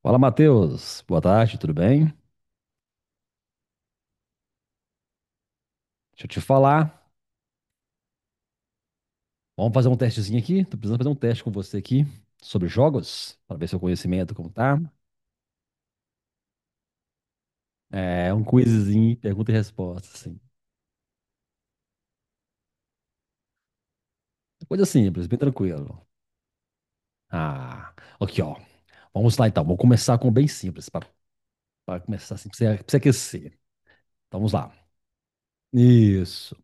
Fala, Matheus. Boa tarde, tudo bem? Deixa eu te falar. Vamos fazer um testezinho aqui. Tô precisando fazer um teste com você aqui sobre jogos, para ver seu conhecimento como tá. É um quizinho, pergunta e resposta, assim. É coisa simples, bem tranquilo. Ah, aqui, ó. Vamos lá então. Vou começar com bem simples, para começar assim, pra você aquecer. Então, vamos lá. Isso.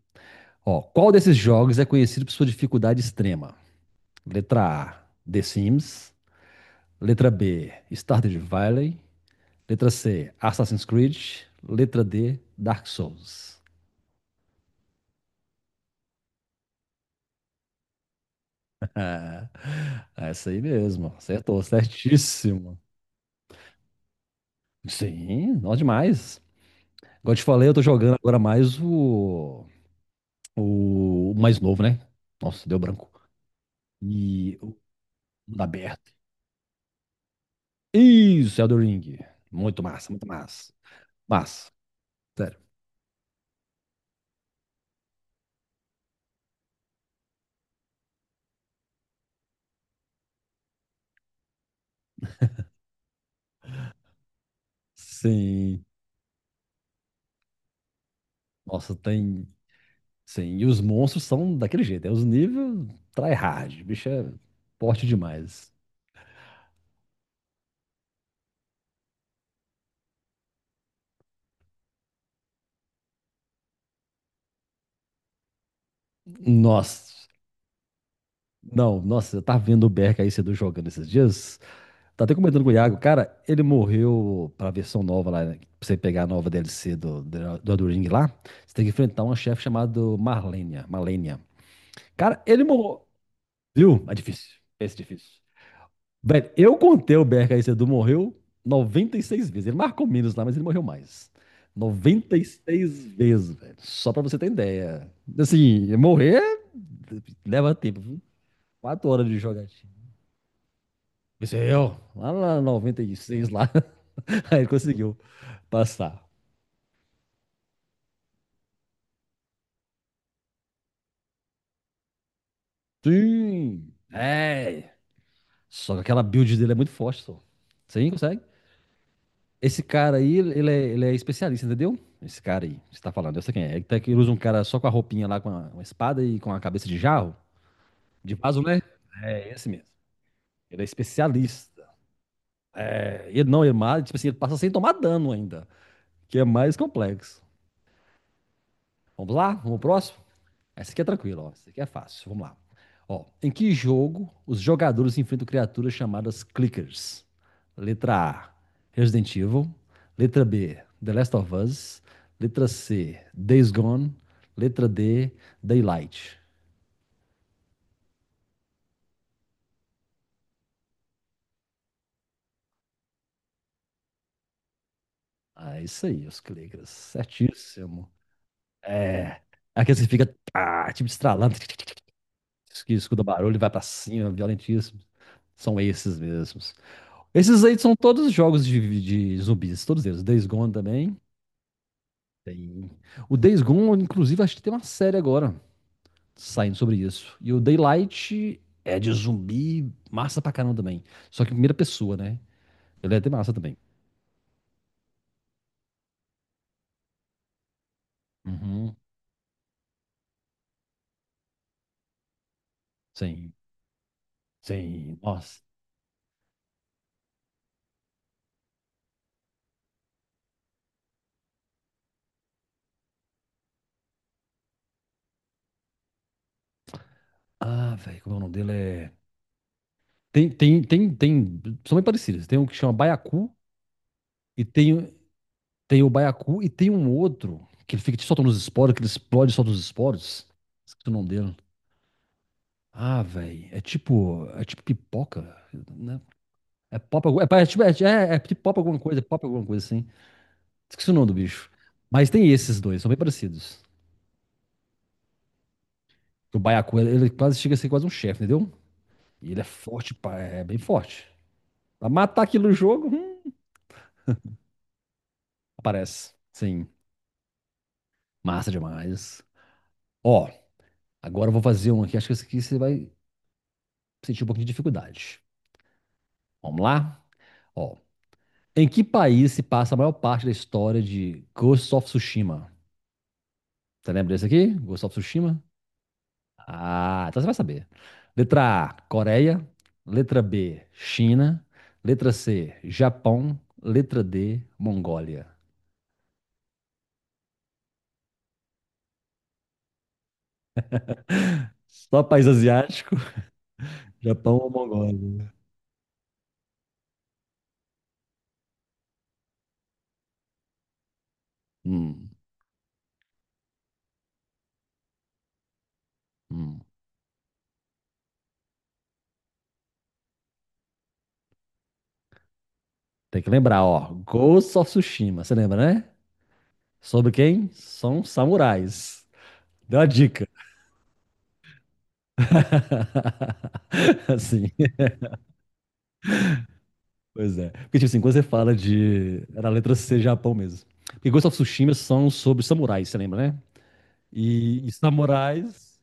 Ó, qual desses jogos é conhecido por sua dificuldade extrema? Letra A, The Sims. Letra B, Stardew Valley. Letra C, Assassin's Creed. Letra D, Dark Souls. Essa aí mesmo, acertou, certíssimo. Sim, nós demais. Igual eu te falei, eu tô jogando agora mais o mais novo, né? Nossa, deu branco. E o mundo aberto. Isso, Elden Ring. Muito massa, muito massa. Massa, sério. Sim. Nossa, tem. Sim. E os monstros são daquele jeito. É os níveis tryhard. O bicho é forte demais. Nossa, não, nossa, eu tava vendo o Berk aí cedo jogando esses dias. Tá até comentando com o Iago, cara, ele morreu pra versão nova lá, né? Pra você pegar a nova DLC do Elden Ring lá, você tem que enfrentar uma chefe chamada Marlenia, Malenia. Cara, ele morreu. Viu? É difícil. Esse é difícil. Velho, eu contei o Berk aí cedo, morreu 96 vezes. Ele marcou menos lá, mas ele morreu mais. 96 vezes, velho. Só pra você ter ideia. Assim, morrer leva tempo. 4 horas de jogatina. Isso é eu. Lá na 96 lá. Aí ele conseguiu passar. Sim! É! Só que aquela build dele é muito forte, só. Sim, consegue? Esse cara aí, ele é especialista, entendeu? Esse cara aí, que você tá falando, eu sei quem é. Ele, que ele usa um cara só com a roupinha lá, uma espada e com a cabeça de jarro, de vaso, né? É, esse mesmo. Ele é especialista. É, ele não, ele mata, tipo assim, ele passa sem tomar dano ainda, que é mais complexo. Vamos lá? Vamos pro próximo? Essa aqui é tranquila, ó. Essa aqui é fácil. Vamos lá. Ó, em que jogo os jogadores enfrentam criaturas chamadas clickers? Letra A, Resident Evil. Letra B, The Last of Us. Letra C, Days Gone. Letra D, Daylight. Ah, é isso aí, os clickers. Certíssimo. É. Aqueles que fica, tipo, estralando, que escuta barulho e vai pra cima, violentíssimo. São esses mesmos. Esses aí são todos jogos de zumbis, todos eles. Days Gone também. Tem. O Days Gone, inclusive, acho que tem uma série agora saindo sobre isso. E o Daylight é de zumbi, massa pra caramba também. Só que primeira pessoa, né? Ele é de massa também. Uhum. Sim, sim. Nossa. Ah, velho, como é o nome dele? É... Tem. São bem parecidos. Tem um que chama Baiacu, e tem o Baiacu, e tem um outro que ele fica te soltando os esporos, que ele explode e solta os esporos. Esqueci o nome dele. Ah, velho, é tipo pipoca, né? É pop, tipo pop alguma coisa, é pop alguma coisa assim. Esqueci o nome do bicho. Mas tem esses dois, são bem parecidos. O baiacu, ele quase chega a ser quase um chefe, entendeu? E ele é forte, pá, é bem forte. Pra matar aquilo no jogo, aparece. Sim, massa demais. Ó, agora eu vou fazer um aqui, acho que esse aqui você vai sentir um pouquinho de dificuldade. Vamos lá? Ó, em que país se passa a maior parte da história de Ghost of Tsushima? Você lembra desse aqui? Ghost of Tsushima? Ah, então você vai saber. Letra A, Coreia. Letra B, China. Letra C, Japão. Letra D, Mongólia. Só país asiático, Japão ou Mongólia? Hum, hum. Tem que lembrar, ó. Ghost of Tsushima, você lembra, né? Sobre quem? São samurais. Deu a dica. Assim, pois é. Porque, tipo assim, quando você fala de. Era a letra C, Japão mesmo. Porque Ghost of Tsushima são sobre samurais, você lembra, né? E samurais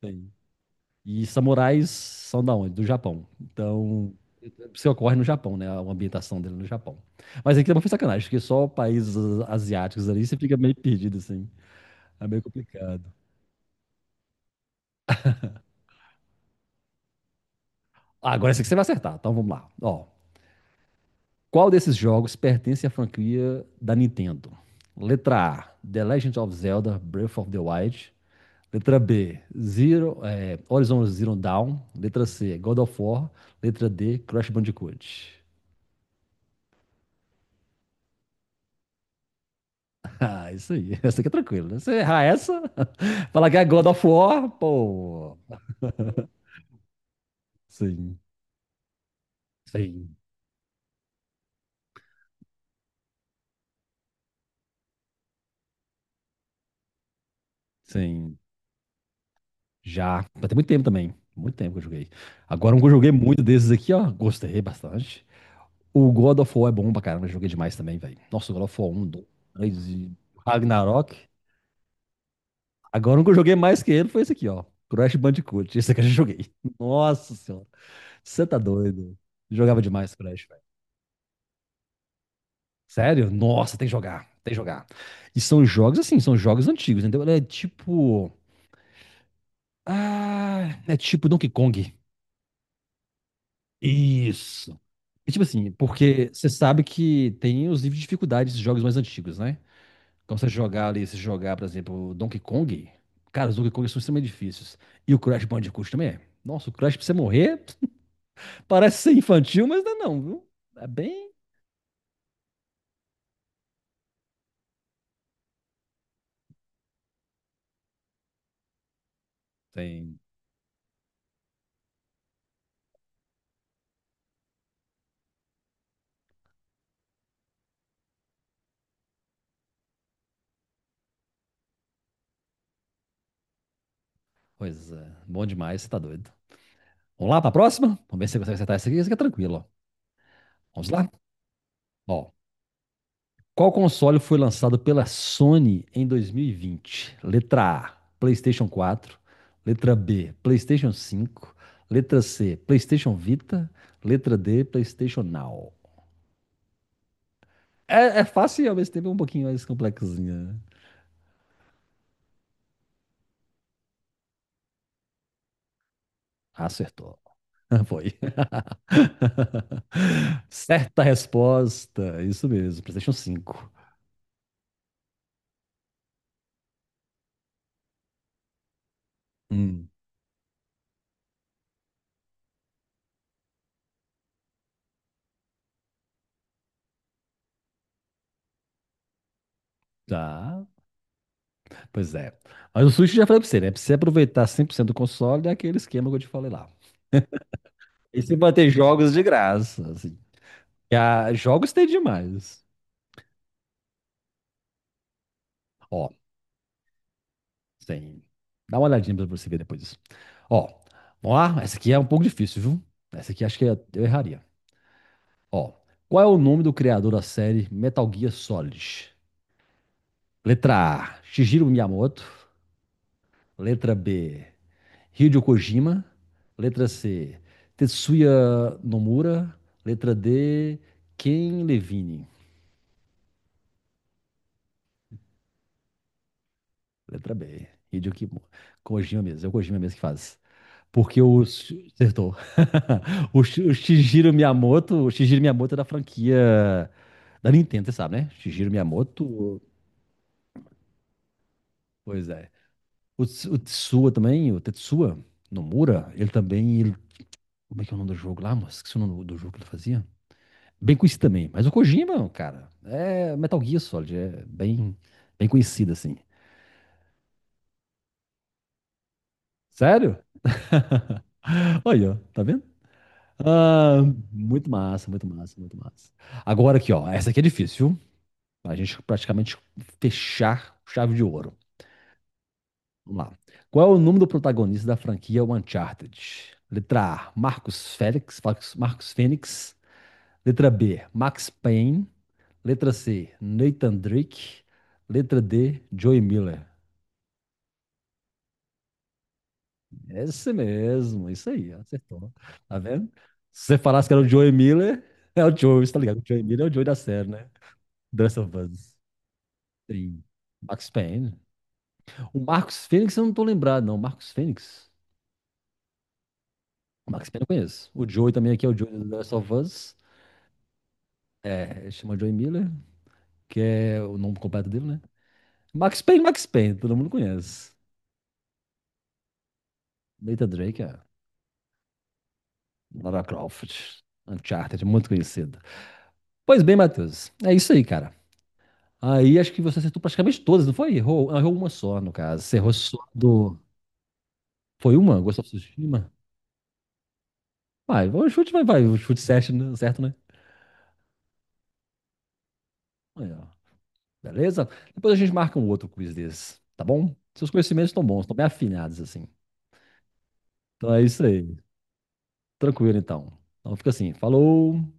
tem. E samurais são da onde? Do Japão. Então, se ocorre no Japão, né? A ambientação dele no Japão. Mas aqui também foi sacanagem, porque só países asiáticos ali você fica meio perdido, assim. É meio complicado. Ah, agora esse aqui você vai acertar, então vamos lá. Ó, qual desses jogos pertence à franquia da Nintendo? Letra A, The Legend of Zelda Breath of the Wild. Letra B, Horizon Zero Dawn. Letra C, God of War. Letra D, Crash Bandicoot. Ah, isso aí. Essa aqui é tranquila, né? Você errar essa, falar que é God of War, pô. Sim, sim, sim. Já. Mas tem muito tempo também. Muito tempo que eu joguei. Agora um que eu joguei muito desses aqui, ó. Gostei bastante. O God of War é bom pra caramba. Eu joguei demais também, velho. Nossa, o God of War 1, 2, 3 e Ragnarok. Agora um que eu joguei mais que ele foi esse aqui, ó. Crash Bandicoot. Esse aqui eu já joguei. Nossa senhora. Você tá doido. Jogava demais Crash. Sério? Nossa, tem que jogar, tem que jogar. E são jogos assim, são jogos antigos, entendeu? Ele é tipo. Ah, é tipo Donkey Kong. Isso. É tipo assim, porque você sabe que tem os níveis de dificuldade desses jogos mais antigos, né? Então você jogar ali, se jogar, por exemplo, Donkey Kong, cara, os Donkey Kong são extremamente difíceis. E o Crash Bandicoot também é. Nossa, o Crash pra você morrer parece ser infantil, mas não é não, viu? É bem. Tem. Pois é, bom demais, você tá doido. Vamos lá pra próxima? Vamos ver se você consegue acertar essa aqui é tranquila. Vamos lá? Ó, qual console foi lançado pela Sony em 2020? Letra A, PlayStation 4. Letra B, PlayStation 5. Letra C, PlayStation Vita. Letra D, PlayStation Now. É, é fácil e ao mesmo tempo é um pouquinho mais complexinha, né? Acertou. Foi. Certa resposta. Isso mesmo, PlayStation 5. Hum, tá. Pois é. Mas o Switch eu já falei pra você, né? Pra você aproveitar 100% do console, é aquele esquema que eu te falei lá. E se bater jogos de graça, assim. Jogos tem demais. Ó, tem. Dá uma olhadinha pra você ver depois. Ó, vamos lá. Essa aqui é um pouco difícil, viu? Essa aqui acho que eu erraria. Ó, qual é o nome do criador da série Metal Gear Solid? Letra A, Shigeru Miyamoto. Letra B, Hideo Kojima. Letra C, Tetsuya Nomura. Letra D, Ken Levine. Letra B, Hideo Kojima mesmo. É o Kojima mesmo que faz. Porque o. Acertou. O Shigeru Miyamoto. O Shigeru Miyamoto é da franquia da Nintendo, você sabe, né? Shigeru Miyamoto. Pois é. O Tetsuya também, o Tetsuya Nomura, ele também. Como é que é o nome do jogo lá, moço? Esqueci o nome do jogo que ele fazia. Bem conhecido também. Mas o Kojima, cara, é Metal Gear Solid. É bem, bem conhecido, assim. Sério? Olha, ó, tá vendo? Ah, muito massa, muito massa, muito massa. Agora aqui, ó. Essa aqui é difícil, pra gente praticamente fechar com chave de ouro. Vamos lá. Qual é o nome do protagonista da franquia Uncharted? Letra A, Marcos Fênix. Letra B, Max Payne. Letra C, Nathan Drake. Letra D, Joey Miller. Esse mesmo, isso aí, acertou. Tá vendo? Se você falasse que era o Joey Miller, é o Joey, você tá ligado? O Joey Miller é o Joey da série, né? The Last of Us. Sim. Max Payne. O Marcos Fênix eu não tô lembrado, não. Marcos Fênix? O Max Payne eu conheço. O Joey também aqui é o Joey do The Last of Us. É, ele chama Joey Miller, que é o nome completo dele, né? Max Payne, Max Payne, todo mundo conhece. Nathan Drake, é. Lara Croft, Uncharted, é muito conhecido. Pois bem, Matheus, é isso aí, cara. Aí acho que você acertou praticamente todas, não foi? Errou uma só, no caso. Você errou só do... Foi uma? Ghost of Tsushima? Vai, vai, o chute vai, vai. O chute certo, né? Certo, né? Aí, ó. Beleza? Depois a gente marca um outro quiz desse, tá bom? Seus conhecimentos estão bons, estão bem afinados, assim. Então é isso aí. Tranquilo, então. Então fica assim. Falou.